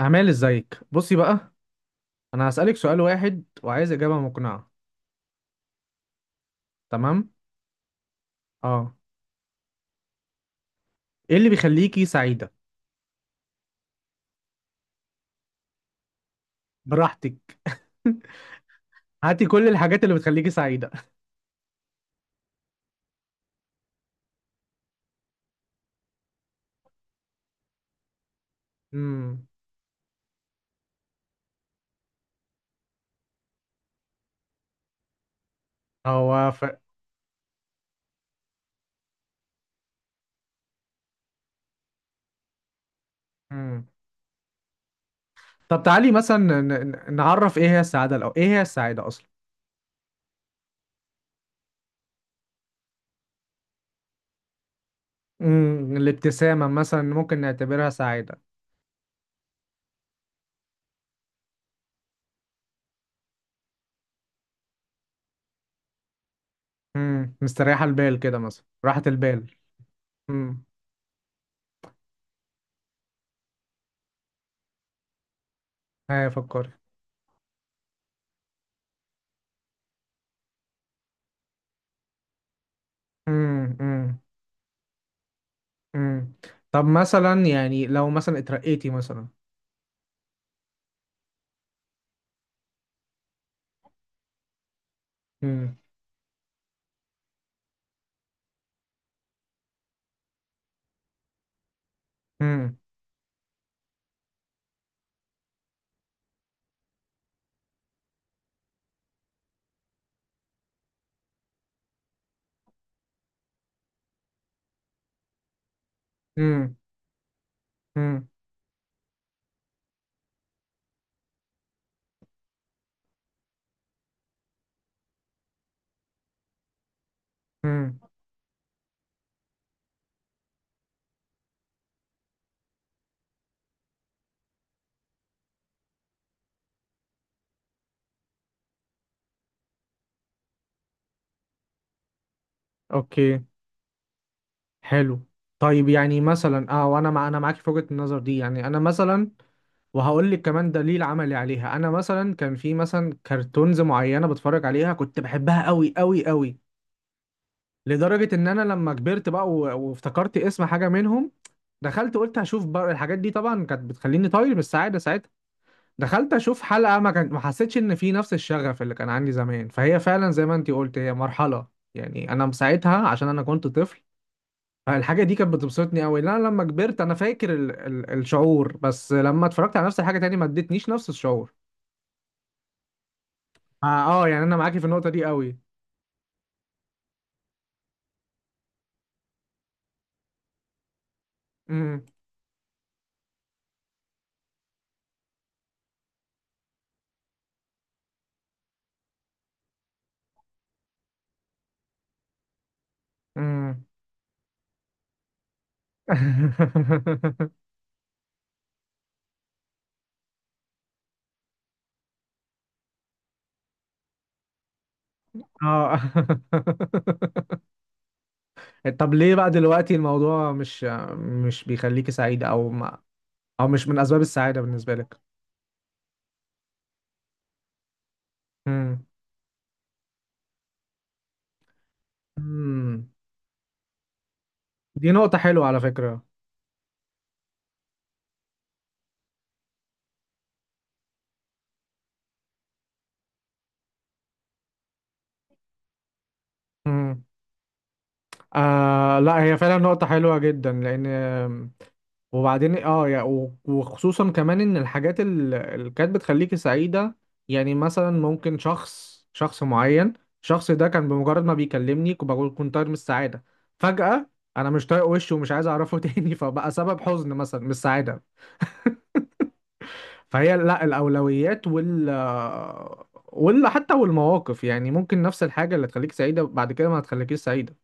أعمال ازيك، بصي بقى. أنا هسألك سؤال واحد وعايز إجابة مقنعة. تمام. اه. ايه اللي بيخليكي سعيدة؟ براحتك. هاتي كل الحاجات اللي بتخليكي سعيدة. امم هو. مم. طب تعالي مثلا نعرف ايه هي السعادة الأول، ايه هي السعادة أصلا؟ الابتسامة مثلا ممكن نعتبرها سعادة. مستريحة البال كده، مثلا راحة البال. امم. هي فكري. امم، امم. امم. طب مثلا يعني لو مثلا اترقيتي مثلا. امم. امم. امم. امم. اوكي. حلو. طيب، يعني مثلا اه وانا مع انا معاك في وجهة النظر دي، يعني انا مثلا. وهقول لك كمان دليل عملي عليها، انا مثلا كان في مثلا كرتونز معينة بتفرج عليها كنت بحبها قوي قوي قوي. لدرجة ان انا لما كبرت بقى وافتكرت اسم حاجة منهم، دخلت قلت هشوف بقى الحاجات دي. طبعا كانت بتخليني طاير من السعادة ساعتها. دخلت اشوف حلقه ما حسيتش ان في نفس الشغف اللي كان عندي زمان، فهي فعلا زي ما انتي قلت، هي مرحله. يعني انا ساعتها عشان انا كنت طفل، فالحاجه دي كانت بتبسطني قوي، لا لما كبرت انا فاكر ال الشعور، بس لما اتفرجت على نفس الحاجه تاني ما ادتنيش نفس الشعور. اه، يعني انا معاكي في النقطه دي قوي. امم، امم. اه. طب ليه بقى دلوقتي الموضوع مش بيخليكي سعيده، او مش من اسباب السعاده بالنسبه لك؟ إمم. مم. دي نقطة حلوة على فكرة. مم. آه، لا هي فعلا نقطة حلوة جدا لأن وبعدين اه وخصوصا كمان إن الحاجات اللي كانت بتخليكي سعيدة. يعني مثلا ممكن شخص معين، الشخص ده كان بمجرد ما بيكلمني كنت بقول كنت طاير من السعادة. فجأة أنا مش طايق وشه ومش عايز أعرفه تاني، فبقى سبب حزن مثلا مش سعادة. فهي لا، الاولويات ولا حتى والمواقف، يعني ممكن نفس الحاجه اللي تخليك سعيده بعد كده ما هتخليكيش سعيده.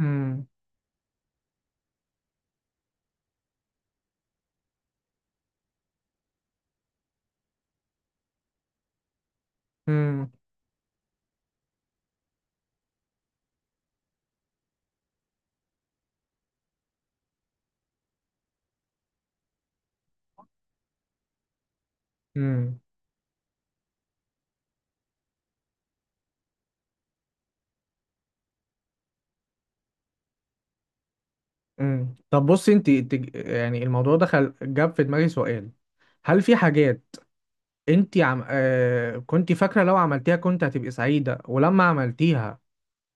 امم، امم، امم، امم. طب بصي انت، يعني الموضوع ده جاب في دماغي سؤال. هل في حاجات انت كنت فاكره لو عملتيها كنت هتبقي سعيده، ولما عملتيها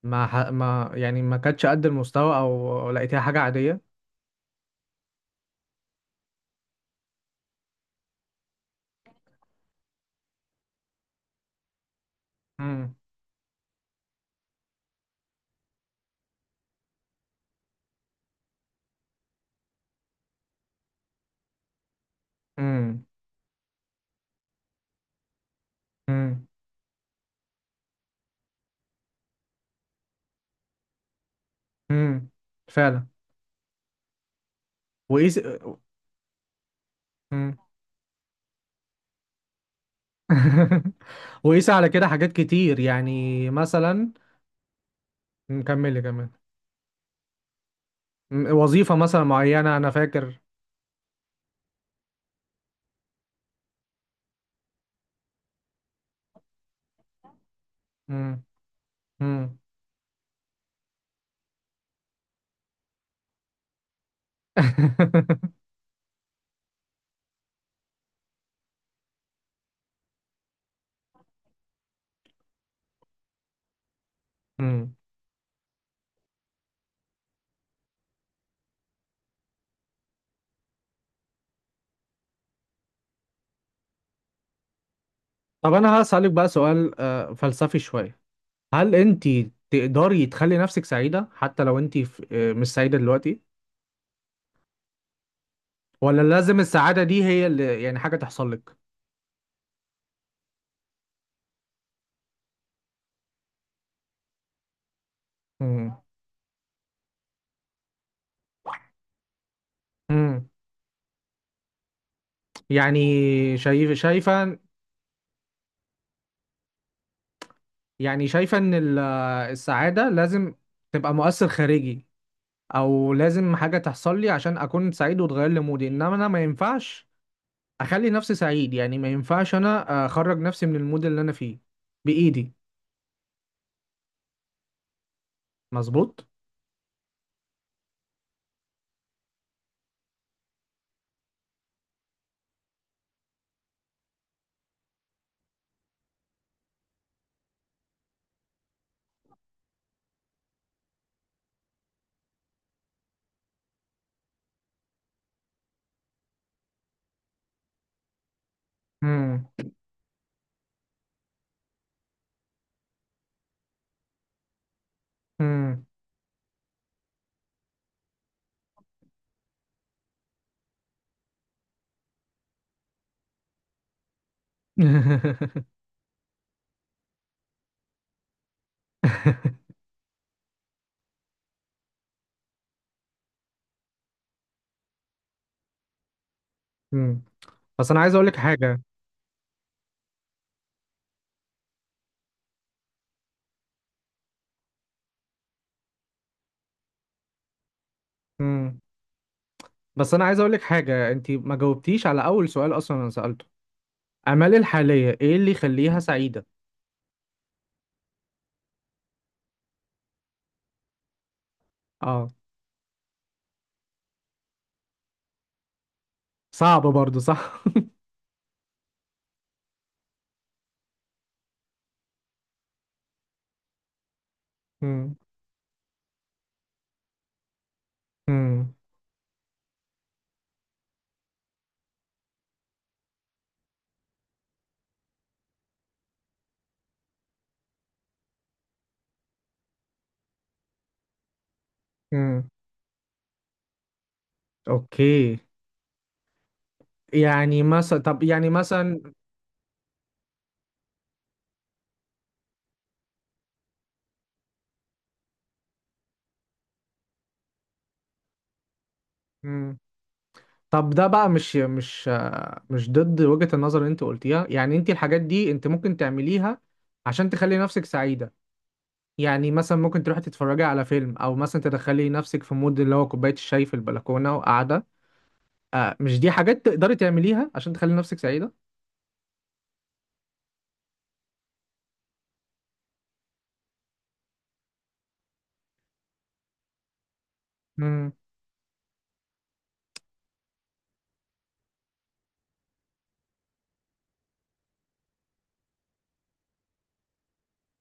ما ح... ما يعني ما كانتش قد المستوى او لقيتيها حاجه عاديه؟ امم، امم، امم، امم. فعلا. وايه. وقيس على كده حاجات كتير، يعني مثلا نكمل كمان. وظيفة مثلا معينة أنا فاكر. مم. مم. مم. طب أنا هسألك بقى سؤال فلسفي شوية. هل أنت تقدري تخلي نفسك سعيدة حتى لو أنت مش سعيدة دلوقتي، ولا لازم السعادة دي هي اللي يعني حاجة تحصل لك؟ مم. مم. يعني شايفة، يعني شايفة إن السعادة لازم تبقى مؤثر خارجي، او لازم حاجه تحصل لي عشان اكون سعيد وتغير لي مودي، انما انا ما ينفعش اخلي نفسي سعيد، يعني ما ينفعش انا اخرج نفسي من المود اللي انا فيه بايدي. مظبوط. امم، امم. امم. بس انا عايز اقول لك حاجه. امم. بس انا عايز اقول لك حاجه، انت ما جاوبتيش على اول سؤال اصلا. انا سالته اعمالي الحاليه ايه اللي يخليها سعيده. اه. صعب برضو، صح؟ امم، امم، امم. اوكي. يعني مثلا طب يعني مثلا. مم. طب ده بقى مش ضد وجهة النظر اللي انت قلتيها، يعني انت الحاجات دي انت ممكن تعمليها عشان تخلي نفسك سعيدة. يعني مثلا ممكن تروحي تتفرجي على فيلم، او مثلا تدخلي نفسك في مود اللي هو كوباية الشاي في البلكونة وقاعدة. آه، مش دي حاجات تقدري تعمليها عشان تخلي نفسك سعيدة؟ امم،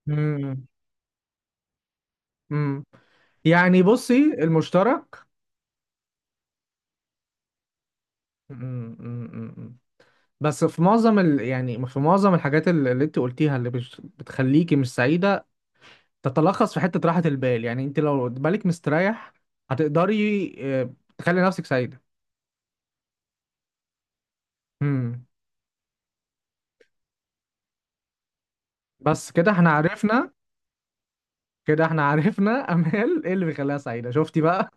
امم، امم. يعني بصي المشترك. مم، مم، مم. بس في معظم يعني في معظم الحاجات اللي انت قلتيها اللي بتخليكي مش سعيدة تتلخص في حتة راحة البال، يعني انت لو بالك مستريح هتقدري تخلي نفسك سعيدة. امم. بس كده احنا عرفنا. كده احنا عرفنا. امال ايه اللي بيخليها سعيدة، شفتي بقى؟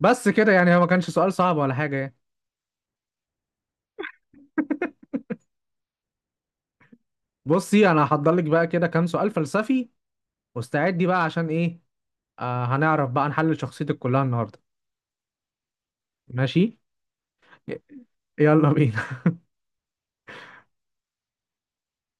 بس كده، يعني هو ما كانش سؤال صعب ولا حاجة يعني. بصي انا هحضر لك بقى كده كام سؤال فلسفي، واستعدي بقى عشان ايه؟ آه، هنعرف بقى نحلل شخصيتك كلها النهاردة. ماشي. ي- يلا بينا.